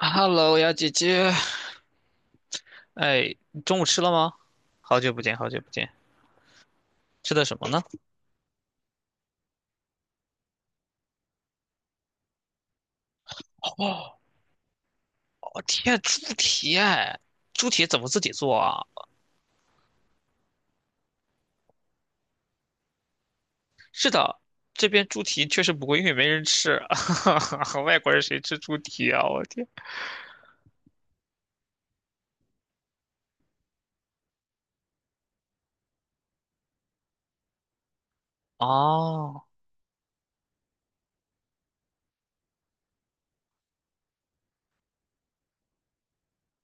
Hello，呀姐姐，哎，你中午吃了吗？好久不见，好久不见，吃的什么呢？哦，天，猪蹄哎，猪蹄怎么自己做啊？是的，这边猪蹄确实不贵，因为没人吃，哈哈，外国人谁吃猪蹄啊？我天。哦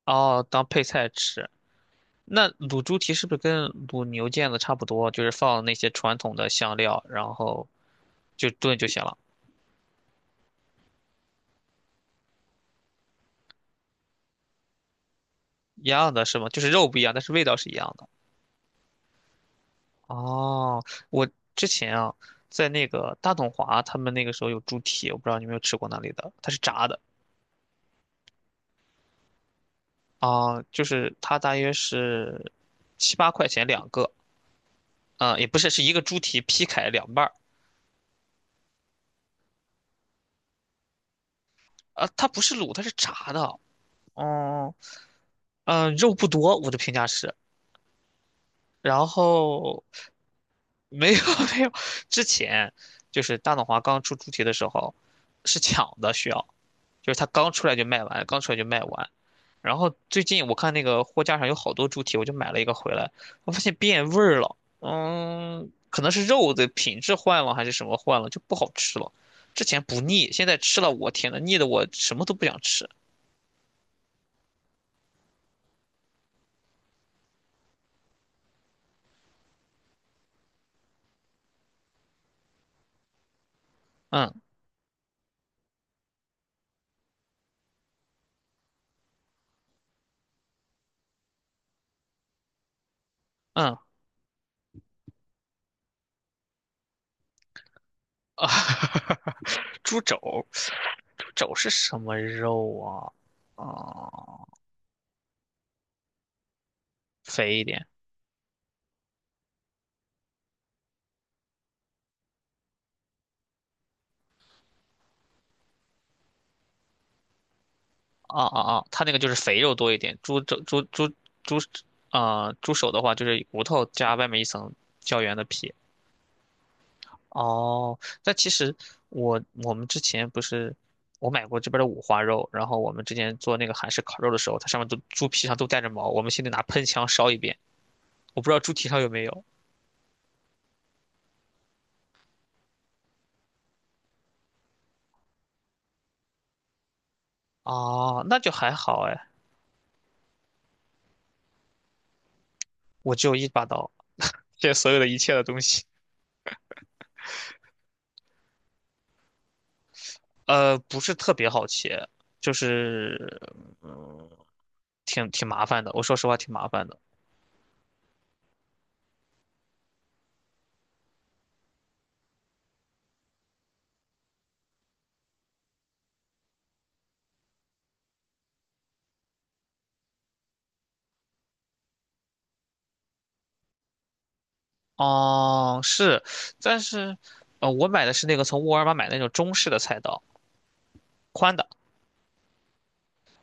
哦，当配菜吃。那卤猪蹄是不是跟卤牛腱子差不多？就是放那些传统的香料，然后就炖就行了。一样的是吗？就是肉不一样，但是味道是一样的。哦，我之前啊，在那个大董华，他们那个时候有猪蹄，我不知道你有没有吃过那里的，它是炸的。啊，就是它大约是7、8块钱两个，啊，也不是，是一个猪蹄劈开两半儿。啊，它不是卤，它是炸的。嗯嗯，肉不多，我的评价是。然后没有 没有，之前就是大董华刚出猪蹄的时候是抢的，需要。就是它刚出来就卖完，刚出来就卖完。然后最近我看那个货架上有好多猪蹄，我就买了一个回来。我发现变味儿了。嗯，可能是肉的品质换了，还是什么换了，就不好吃了。之前不腻，现在吃了，我天呐，腻的我什么都不想吃。嗯嗯啊，猪肘，猪肘是什么肉啊？啊，肥一点。啊啊啊，它那个就是肥肉多一点，猪肘猪猪猪啊、猪手的话就是骨头加外面一层胶原的皮。哦，那其实我们之前不是我买过这边的五花肉，然后我们之前做那个韩式烤肉的时候，它上面都猪皮上都带着毛，我们现在拿喷枪烧一遍。我不知道猪蹄上有没有。哦，那就还好哎。我只有一把刀，这所有的一切的东西，不是特别好切，就是。嗯。挺麻烦的，我说实话挺麻烦的。哦，是，但是，我买的是那个从沃尔玛买的那种中式的菜刀，宽的。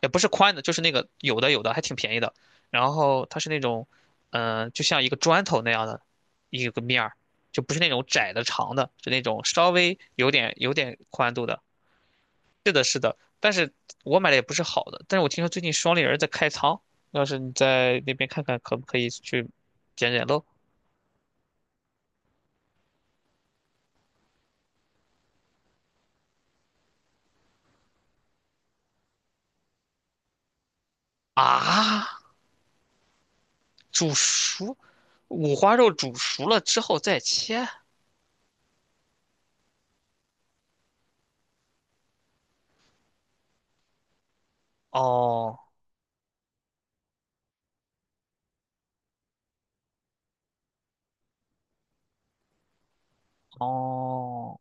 也不是宽的，就是那个有的还挺便宜的。然后它是那种，就像一个砖头那样的一个面儿，就不是那种窄的长的，是那种稍微有点宽度的。是的，是的，但是我买的也不是好的。但是我听说最近双立人在开仓，要是你在那边看看，可不可以去捡捡漏啊？煮熟，五花肉煮熟了之后再切。哦哦，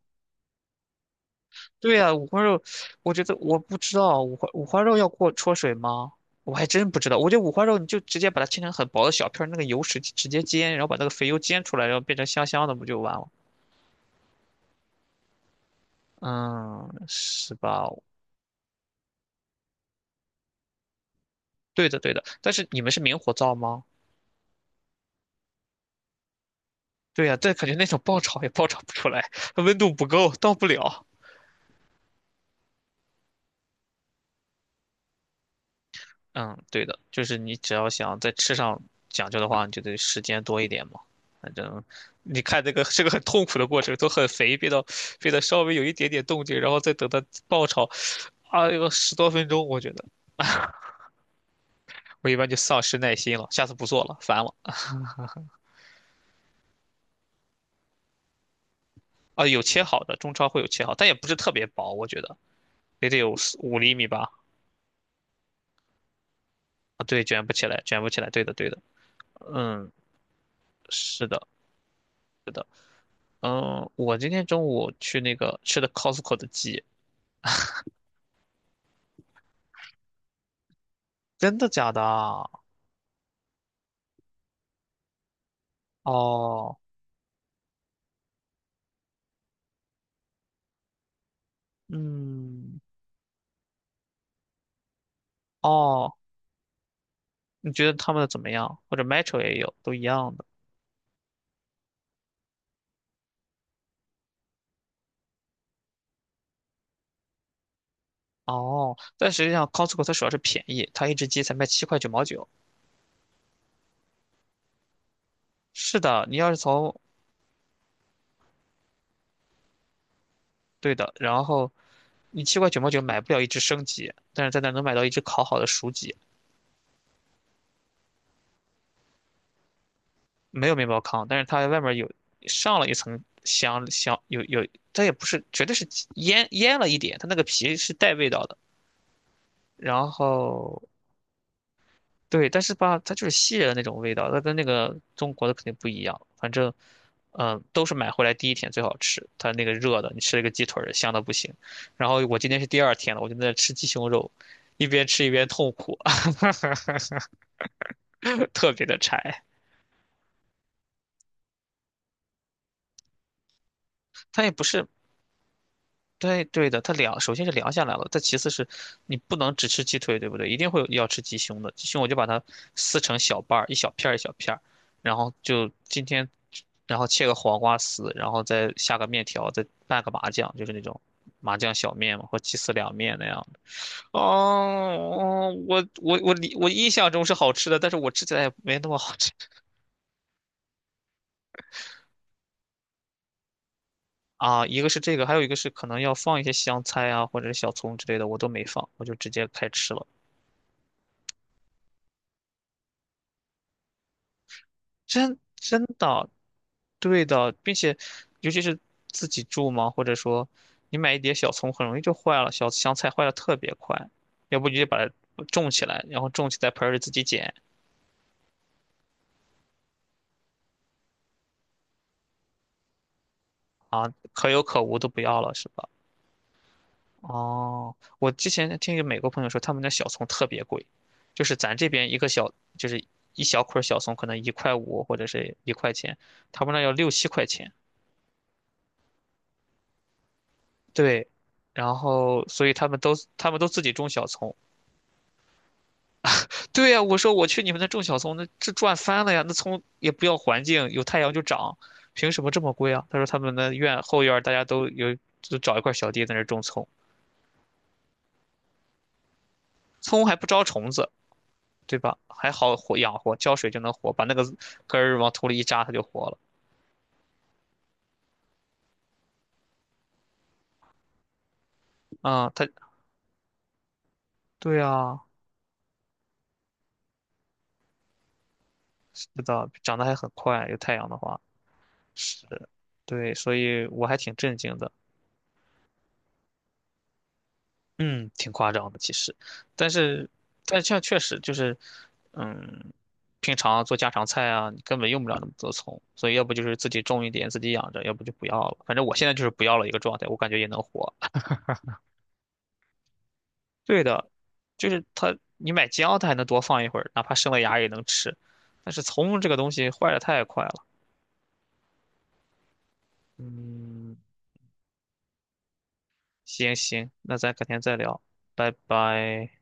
对呀、五花肉。我觉得我不知道五花肉要过焯水吗？我还真不知道。我觉得五花肉你就直接把它切成很薄的小片儿，那个油脂直接煎，然后把那个肥油煎出来，然后变成香香的，不就完了？嗯，是吧？对的对的。但是你们是明火灶吗？对呀、但感觉那种爆炒也爆炒不出来，温度不够，到不了。嗯，对的，就是你只要想在吃上讲究的话，你就得时间多一点嘛。反正你看这个是个很痛苦的过程，都很肥变得稍微有一点点动静，然后再等它爆炒。啊，有10多分钟，我觉得我一般就丧失耐心了，下次不做了，烦了。啊，有切好的，中超会有切好，但也不是特别薄，我觉得也得有4、5厘米吧。啊，对，卷不起来，卷不起来，对的，对的，嗯，是的，是的，嗯，我今天中午去那个吃的 Costco 的鸡。真的假的啊？哦，嗯，哦，你觉得他们的怎么样？或者 Metro 也有，都一样的。哦，但实际上 Costco 它主要是便宜，它一只鸡才卖七块九毛九。是的，你要是从，对的，然后你七块九毛九买不了一只生鸡，但是在那儿能买到一只烤好的熟鸡。没有面包糠，但是它外面有上了一层香香，有，它也不是，绝对是腌腌了一点，它那个皮是带味道的。然后对，但是吧，它就是西人的那种味道，它跟那个中国的肯定不一样。反正，都是买回来第一天最好吃，它那个热的，你吃了一个鸡腿儿香的不行。然后我今天是第二天了，我就在那吃鸡胸肉，一边吃一边痛苦，特别的柴。它也不是，对对的，它凉，首先是凉下来了，再其次是你不能只吃鸡腿，对不对？一定会有要吃鸡胸的，鸡胸我就把它撕成小瓣儿，一小片儿一小片儿，然后就今天，然后切个黄瓜丝，然后再下个面条，再拌个麻酱，就是那种麻酱小面嘛，或鸡丝凉面那样的。哦，我印象中是好吃的，但是我吃起来也没那么好吃啊。一个是这个，还有一个是可能要放一些香菜啊，或者是小葱之类的，我都没放，我就直接开吃了。真真的，对的，并且尤其是自己住嘛，或者说你买一碟小葱，很容易就坏了，小香菜坏的特别快，要不你就把它种起来，然后种起在盆儿里自己捡啊，可有可无都不要了，是吧？哦，我之前听一个美国朋友说，他们的小葱特别贵，就是咱这边一个小，就是一小捆儿小葱可能1块5或者是1块钱，他们那要6、7块钱。对，然后所以他们都自己种小葱。对呀，我说我去你们那种小葱，那这赚翻了呀！那葱也不要环境，有太阳就长，凭什么这么贵啊？他说他们那院后院儿大家都有，就找一块小地在那儿种葱，葱还不招虫子，对吧？还好活养活，浇水就能活，把那个根儿往土里一扎，它就活了。啊、它对啊，是的，长得还很快，有太阳的话是，对，所以我还挺震惊的。嗯，挺夸张的其实，但是这样确实就是，嗯，平常做家常菜啊，你根本用不了那么多葱，所以要不就是自己种一点自己养着，要不就不要了。反正我现在就是不要了一个状态，我感觉也能活。对的，就是它，你买姜它还能多放一会儿，哪怕生了芽也能吃，但是葱这个东西坏的太快了。嗯，行行，那咱改天再聊，拜拜。